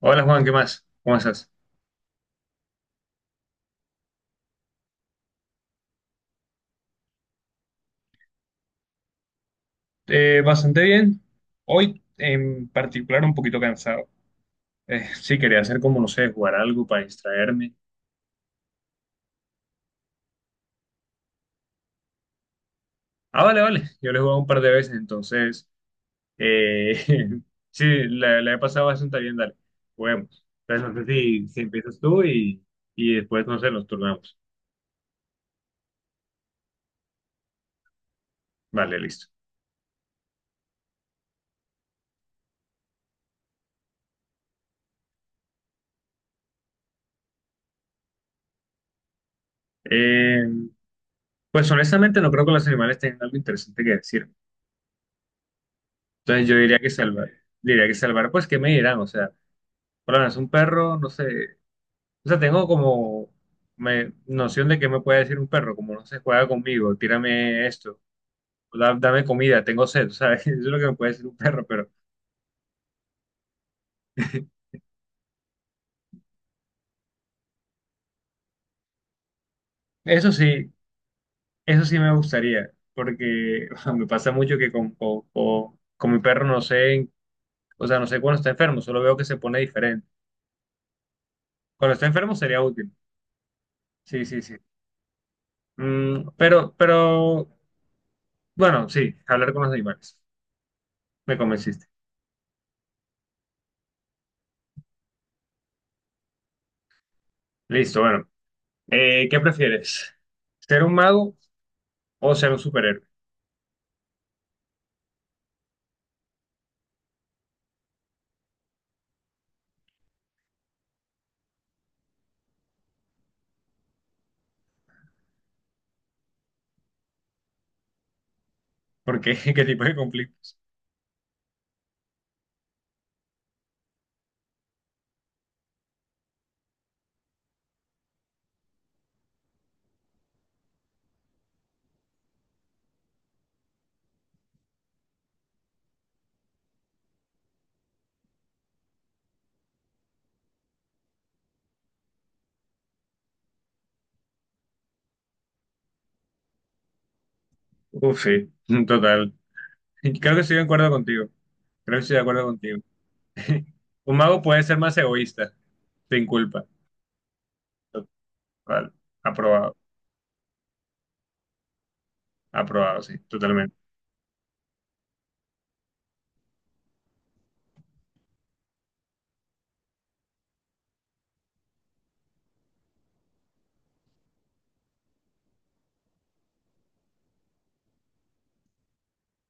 Hola Juan, ¿qué más? ¿Cómo estás? Bastante bien. Hoy en particular un poquito cansado. Sí, quería hacer como, no sé, jugar algo para distraerme. Ah, vale, vale. Yo le he jugado un par de veces, entonces, eh, sí, la he pasado bastante bien, dale. Juguemos. Entonces, no sé si empiezas tú y después, no sé, nos turnamos. Vale, listo. Eh, pues honestamente no creo que los animales tengan algo interesante que decir. Entonces yo diría que salvar, pues, ¿qué me dirán? O sea, hola, es un perro, no sé, o sea, tengo como noción de qué me puede decir un perro, como no se juega conmigo, tírame esto, dame comida, tengo sed, ¿sabes? Eso es lo que me puede decir un perro, pero eso sí, eso sí me gustaría, porque me pasa mucho que con mi perro, no sé, o sea, no sé cuando está enfermo, solo veo que se pone diferente. Cuando está enfermo sería útil. Sí, sí, sí. Pero, bueno, sí, hablar con los animales. Me convenciste. Listo, bueno. ¿Qué prefieres? ¿Ser un mago o ser un superhéroe? ¿Porque, qué tipo de conflictos? Uf, sí, total. Creo que estoy de acuerdo contigo. Creo que estoy de acuerdo contigo. Un mago puede ser más egoísta, sin culpa. Vale, aprobado, aprobado, sí, totalmente.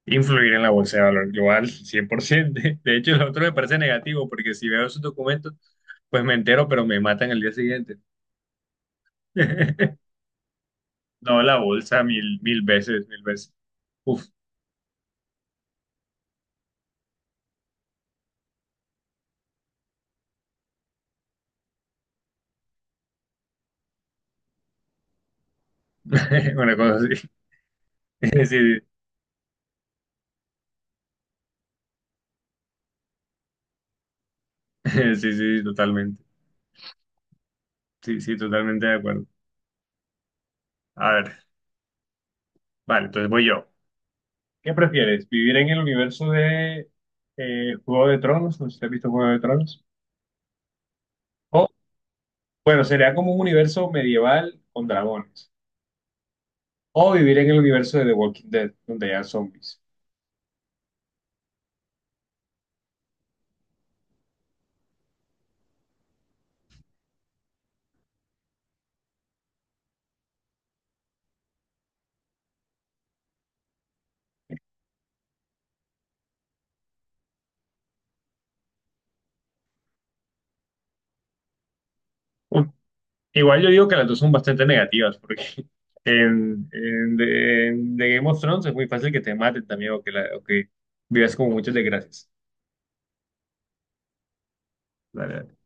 Influir en la bolsa de valor global, 100%. De hecho, lo otro me parece negativo, porque si veo esos documentos, pues me entero, pero me matan el día siguiente. No, la bolsa mil, mil veces, mil veces. Uf, una cosa así. Sí, sí, sí, sí, totalmente. Sí, sí, totalmente de acuerdo. A ver, vale, entonces voy yo. ¿Qué prefieres? ¿Vivir en el universo de Juego de Tronos? No sé si has visto Juego de Tronos. O, bueno, sería como un universo medieval con dragones. O vivir en el universo de The Walking Dead, donde hay zombies. Uh, Igual yo digo que las dos son bastante negativas, porque en The Game of Thrones es muy fácil que te maten también o que vivas como muchas desgracias. Vale, vale.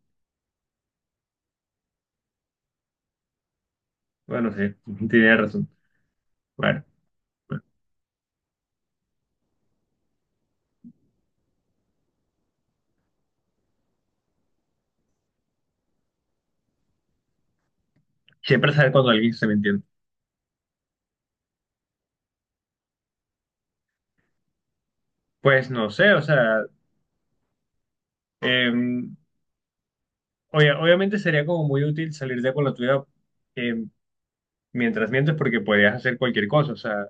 Bueno, sí, tienes razón. Bueno, bueno, siempre sabes cuando alguien se me. Pues no sé, o sea, eh, obviamente sería como muy útil salir de con la tuya, eh, mientras mientes, porque podrías hacer cualquier cosa, o sea,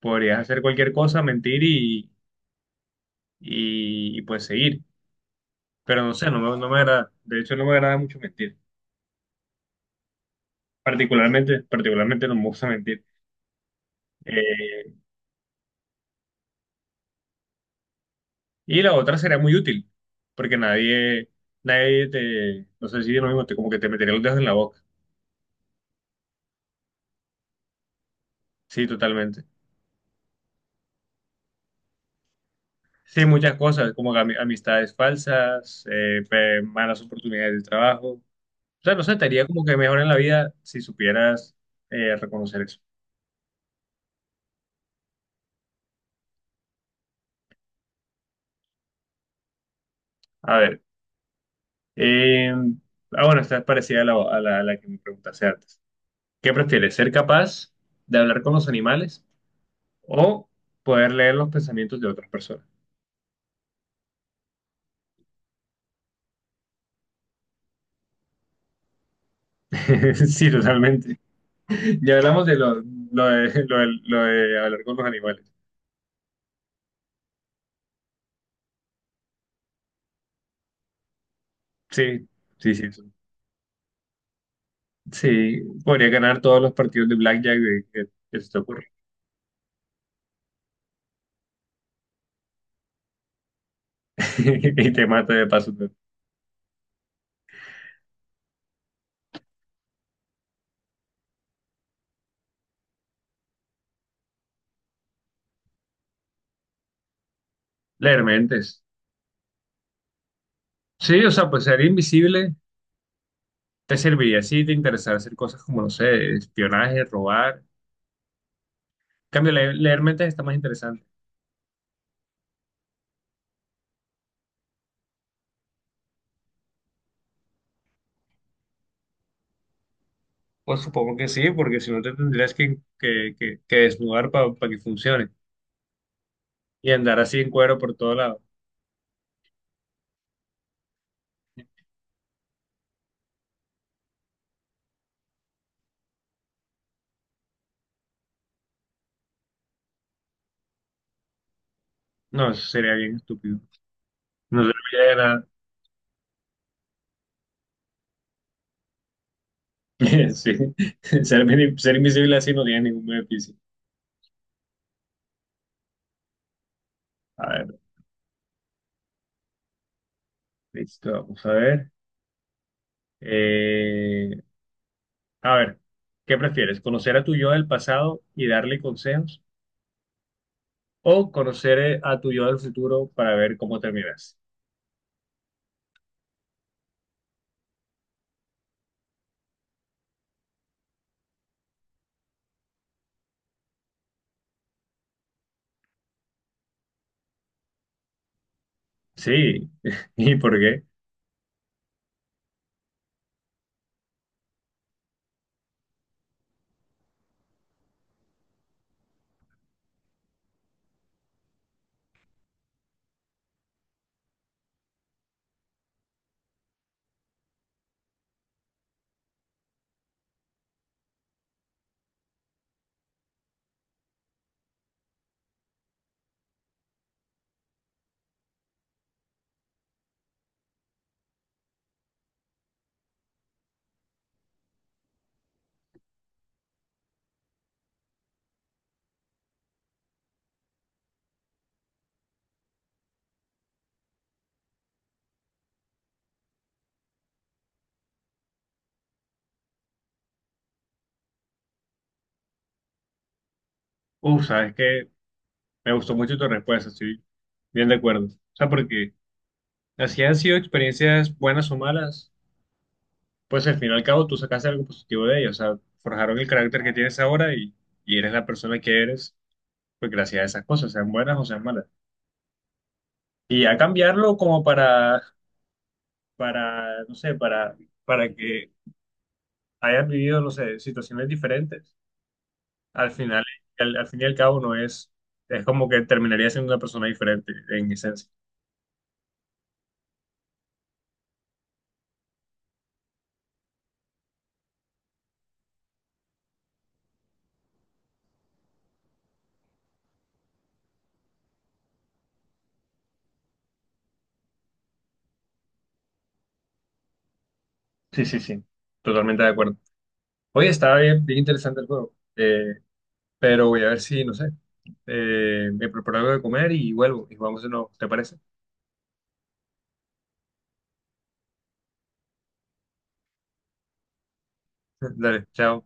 podrías hacer cualquier cosa, mentir pues seguir. Pero no sé, no me agrada, de hecho no me agrada mucho mentir, particularmente, particularmente no me gusta mentir. Eh, y la otra sería muy útil, porque nadie te, no sé si es lo mismo, te, como que te metería los dedos en la boca. Sí, totalmente. Sí, muchas cosas, como amistades falsas, malas oportunidades de trabajo. O sea, no sé, te haría como que mejor en la vida si supieras reconocer eso. A ver, eh, bueno, esta es parecida a la, que me preguntaste antes. ¿Qué prefieres, ser capaz de hablar con los animales o poder leer los pensamientos de otras personas? Sí, totalmente. Ya hablamos de lo de hablar con los animales. Sí, sí, sí. Sí, podría ganar todos los partidos de Blackjack que se te ocurre. Y te mata de paso, todo. Leer mentes. Sí, o sea, pues ser invisible te serviría si te interesara hacer cosas como, no sé, espionaje, robar. En cambio, leer mentes está más interesante. Pues supongo que sí, porque si no te tendrías que desnudar para que funcione. Y andar así en cuero por todo lado. No, eso sería bien estúpido. No serviría de nada. Sí, ser, ser invisible así no tiene ningún beneficio. A ver, listo, vamos a ver. Eh, a ver, ¿qué prefieres? ¿Conocer a tu yo del pasado y darle consejos? ¿O conocer, a tu yo del futuro para ver cómo terminas? Sí, ¿y por qué? Uf, sabes que me gustó mucho tu respuesta, estoy bien de acuerdo. O sea, porque así han sido experiencias buenas o malas, pues al fin y al cabo tú sacaste algo positivo de ellas, o sea, forjaron el carácter que tienes ahora y eres la persona que eres, pues gracias a esas cosas, sean buenas o sean malas. Y a cambiarlo como no sé, para que hayan vivido, no sé, situaciones diferentes. Al final, al fin y al cabo, no es, es como que terminaría siendo una persona diferente en esencia. Sí, sí, sí, totalmente de acuerdo. Oye, estaba bien, bien interesante el juego, pero voy a ver si, no sé, me preparo algo de comer y vuelvo y vamos de nuevo, ¿te parece? Dale, chao.